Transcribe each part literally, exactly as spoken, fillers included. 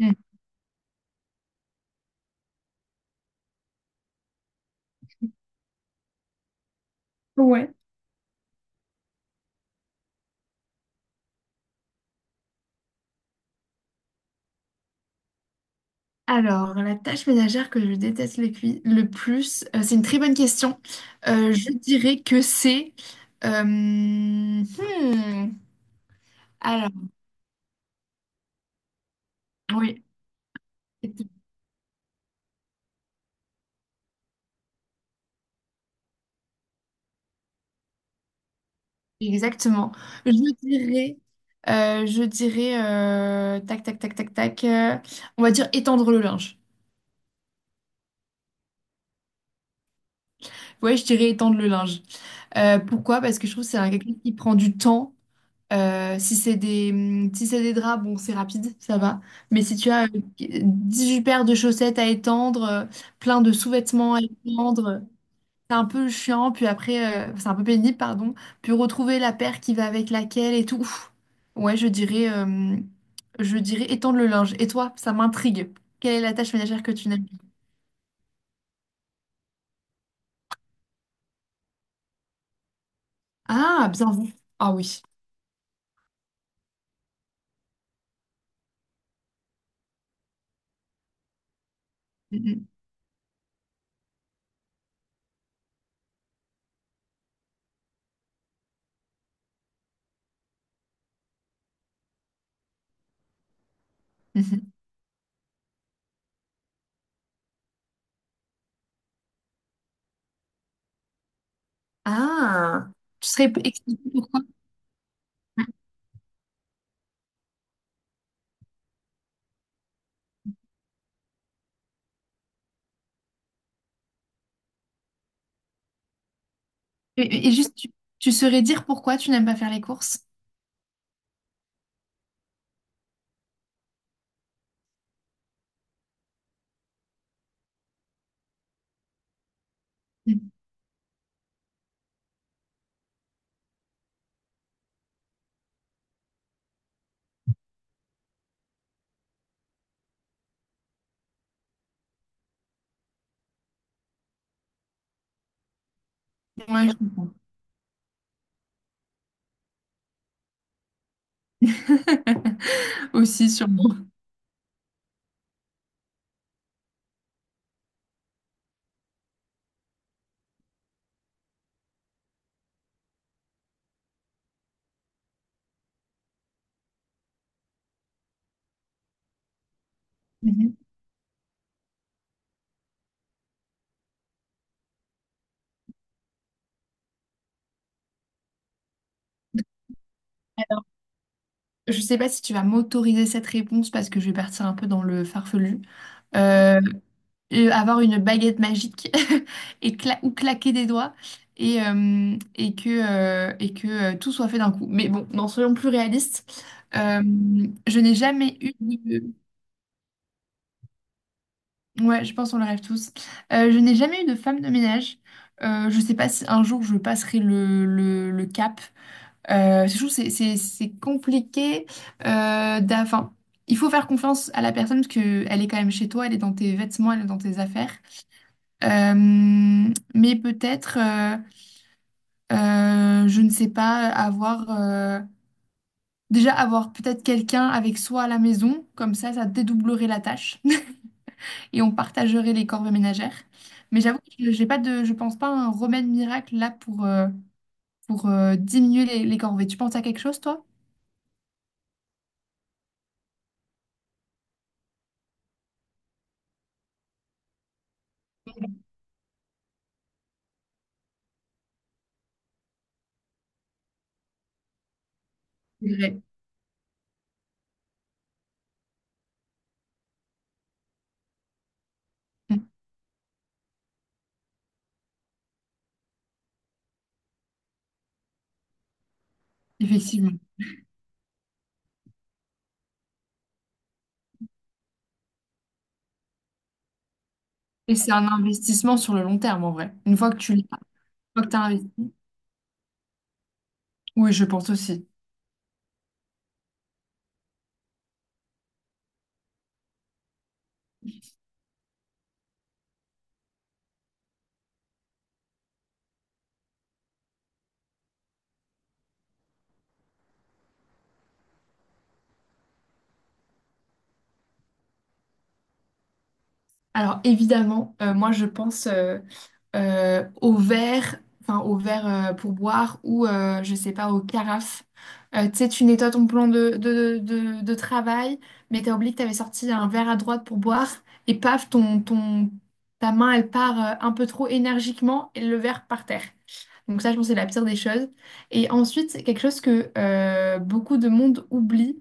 Mm. Ouais. Alors, la tâche ménagère que je déteste le, cui- le plus, euh, c'est une très bonne question. Euh, je dirais que c'est... euh, hmm, alors, oui, exactement. Je dirais... euh, je dirais... euh, tac, tac, tac, tac, tac. euh, on va dire étendre le linge. Ouais, je dirais étendre le linge. Euh, pourquoi? Parce que je trouve que c'est un- quelque chose qui prend du temps. Euh, si c'est des, hum, si c'est des draps, bon, c'est rapide, ça va. Mais si tu as euh, huit paires de chaussettes à étendre, euh, plein de sous-vêtements à étendre, c'est un peu chiant. Puis après, euh, c'est un peu pénible, pardon. Puis retrouver la paire qui va avec laquelle et tout. Ouf. Ouais, je dirais, euh, je dirais étendre le linge. Et toi, ça m'intrigue. Quelle est la tâche ménagère que tu n'aimes pas? Ah, bien vu. Ah oui. Mhm, mhm. Ah, tu serais expliqué pourquoi? Et, et juste, tu, tu saurais dire pourquoi tu n'aimes pas faire les courses? Mm. Ouais, je comprends. Aussi, sûrement. Mhm. Alors, je sais pas si tu vas m'autoriser cette réponse parce que je vais partir un peu dans le farfelu. Euh, euh, avoir une baguette magique et cla- ou claquer des doigts et, euh, et que, euh, et que euh, tout soit fait d'un coup. Mais bon, non, soyons plus réalistes. Euh, je n'ai jamais eu de- Ouais, je pense qu'on le rêve tous. Euh, je n'ai jamais eu de femme de ménage. Euh, je sais pas si un jour je passerai le, le, le cap. Euh, je trouve que c'est c'est- c'est compliqué. Euh, d'a- enfin, il faut faire confiance à la personne parce qu'elle est quand même chez toi, elle est dans tes vêtements, elle est dans tes affaires. Euh, mais peut-être, euh, euh, je ne sais pas, avoir... euh, déjà avoir peut-être quelqu'un avec soi à la maison, comme ça, ça dédoublerait la tâche. Et on partagerait les corvées ménagères. Mais j'avoue que je- j'ai pas de, je pense pas à un remède miracle là pour, euh, pour euh, diminuer les, les corvées. Tu penses à quelque chose, toi? C'est vrai. Mm, effectivement. Et c'est un investissement sur le long terme, en vrai. Une fois que tu l'as, une fois que tu as investi. Oui, je pense aussi. Alors évidemment, euh, moi je pense euh, euh, au verre, enfin au verre euh, pour boire ou euh, je sais pas, aux carafes. Euh, tu sais, tu nettoies ton plan de, de, de, de travail, mais t'as oublié que t'avais sorti un verre à droite pour boire et paf, ton, ton, ta main elle part euh, un peu trop énergiquement et le verre par terre. Donc ça, je pense que c'est la pire des choses. Et ensuite, c'est quelque chose que euh, beaucoup de monde oublie.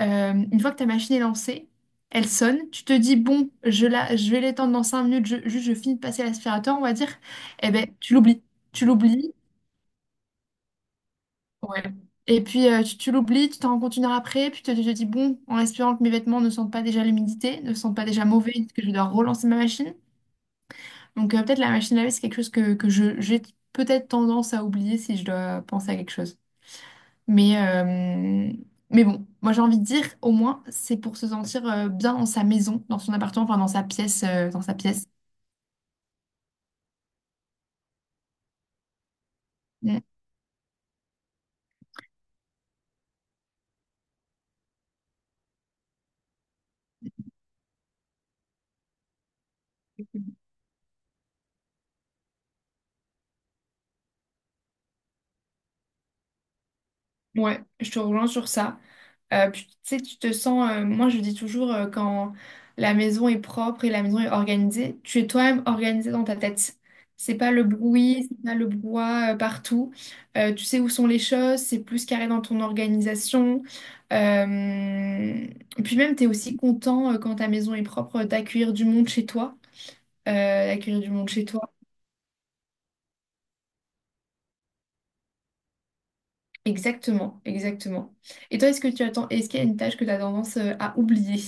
Euh, une fois que ta machine est lancée, elle sonne, tu te dis, bon, je, la, je vais l'étendre dans cinq minutes, je, juste je finis de passer l'aspirateur, on va dire. Eh ben, tu l'oublies. Tu l'oublies. Ouais. Et puis, euh, tu, tu l'oublies, tu t'en rends compte une heure après, puis tu te, tu te dis, bon, en espérant que mes vêtements ne sentent pas déjà l'humidité, ne sentent pas déjà mauvais, que je dois relancer ma machine. Donc, euh, peut-être la machine à laver, c'est quelque chose que, que je, j'ai peut-être tendance à oublier si je dois penser à quelque chose. Mais, euh, mais bon, moi j'ai envie de dire, au moins, c'est pour se sentir euh, bien dans sa maison, dans son appartement, enfin dans sa pièce, euh, dans sa pièce. Mm. Ouais, je te rejoins sur ça. Euh, puis, tu sais, tu te sens, euh, moi je dis toujours, euh, quand la maison est propre et la maison est organisée, tu es toi-même organisé dans ta tête. C'est pas le bruit, c'est pas le brouhaha euh, partout. Euh, tu sais où sont les choses, c'est plus carré dans ton organisation. Euh, puis même, tu es aussi content euh, quand ta maison est propre euh, d'accueillir du monde chez toi. Euh, d'accueillir du monde chez toi. Exactement, exactement. Et toi, est-ce que tu attends, est-ce qu'il y a une tâche que tu as tendance euh, à oublier?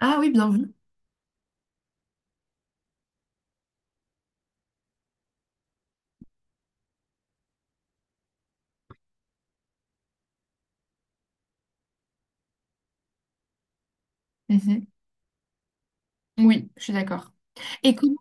Ah oui, bien vu. Mhm. Oui, je suis d'accord. Et comment-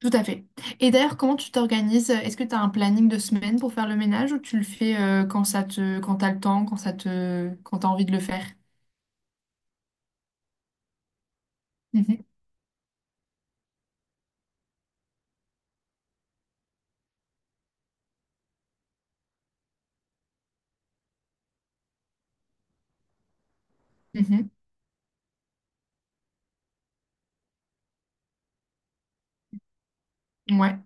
Tout à fait. Et d'ailleurs, comment tu t'organises? Est-ce que tu as un planning de semaine pour faire le ménage ou tu le fais euh, quand ça te quand t'as le temps, quand ça te quand t'as envie de le faire? Mhm. Mhm. Ouais.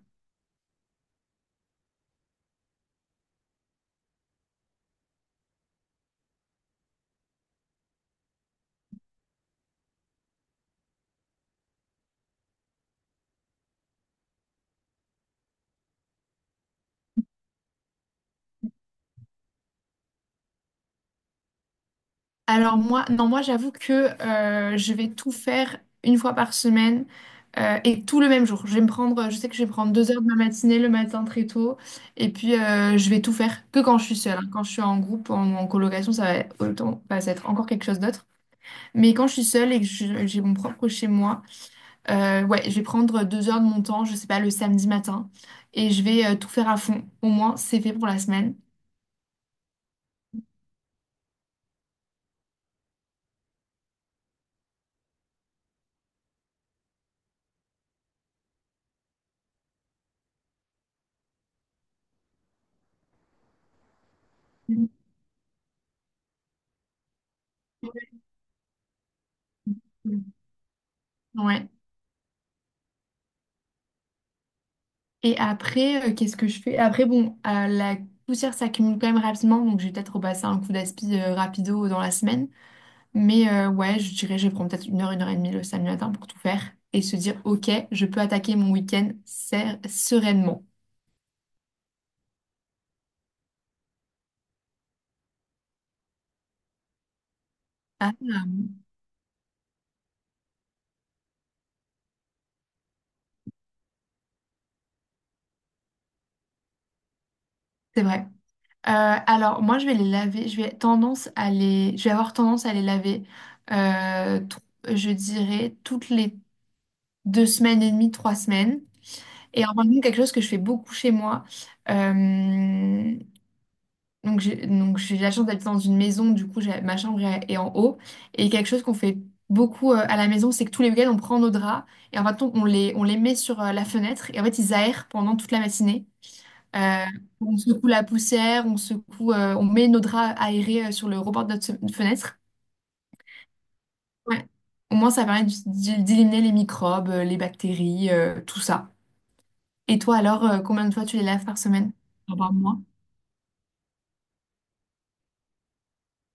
Alors moi, non, moi j'avoue que euh, je vais tout faire une fois par semaine euh, et tout le même jour. Je vais me prendre, je sais que je vais prendre deux heures de ma matinée le matin très tôt et puis euh, je vais tout faire que quand je suis seule, hein. Quand je suis en groupe, en, en colocation, ça va autant, bah, ça va être encore quelque chose d'autre. Mais quand je suis seule et que je- j'ai mon propre chez moi, euh, ouais, je vais prendre deux heures de mon temps, je sais pas, le samedi matin et je vais euh, tout faire à fond. Au moins, c'est fait pour la semaine. Ouais. Et après, euh, qu'est-ce que je fais? Après, bon, euh, la poussière s'accumule quand même rapidement, donc je vais peut-être repasser un coup d'aspi euh, rapido dans la semaine. Mais euh, ouais, je dirais, je vais prendre peut-être une heure, une heure et demie le samedi matin pour tout faire et se dire, ok, je peux attaquer mon week-end ser- sereinement. Ah, c'est vrai. Euh, alors, moi, je vais les laver. Je vais tendance à les... Je vais avoir tendance à les laver, euh, tr- je dirais, toutes les deux semaines et demie, trois semaines. Et en même temps, quelque chose que je fais beaucoup chez moi, euh, Donc j'ai donc j'ai la chance d'habiter dans une maison, du coup j'ai- ma chambre est est en haut. Et quelque chose qu'on fait beaucoup euh, à la maison, c'est que tous les week-ends on prend nos draps et en fait on, on les, on les met sur euh, la fenêtre et en fait ils aèrent pendant toute la matinée. Euh, on secoue la poussière, on secoue, euh, on met nos draps aérés euh, sur le rebord de notre se- fenêtre. Ouais. Au moins ça permet d- d- d'éliminer les microbes, euh, les bactéries, euh, tout ça. Et toi alors, euh, combien de fois tu les laves par semaine? Ah, par mois.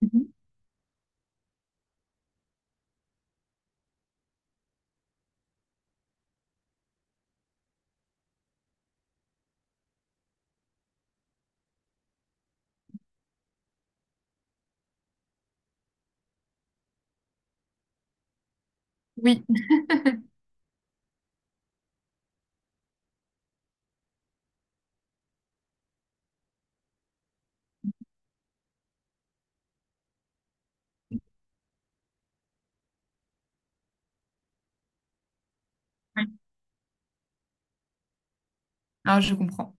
Mhm. Oui, ouais. Alors je comprends.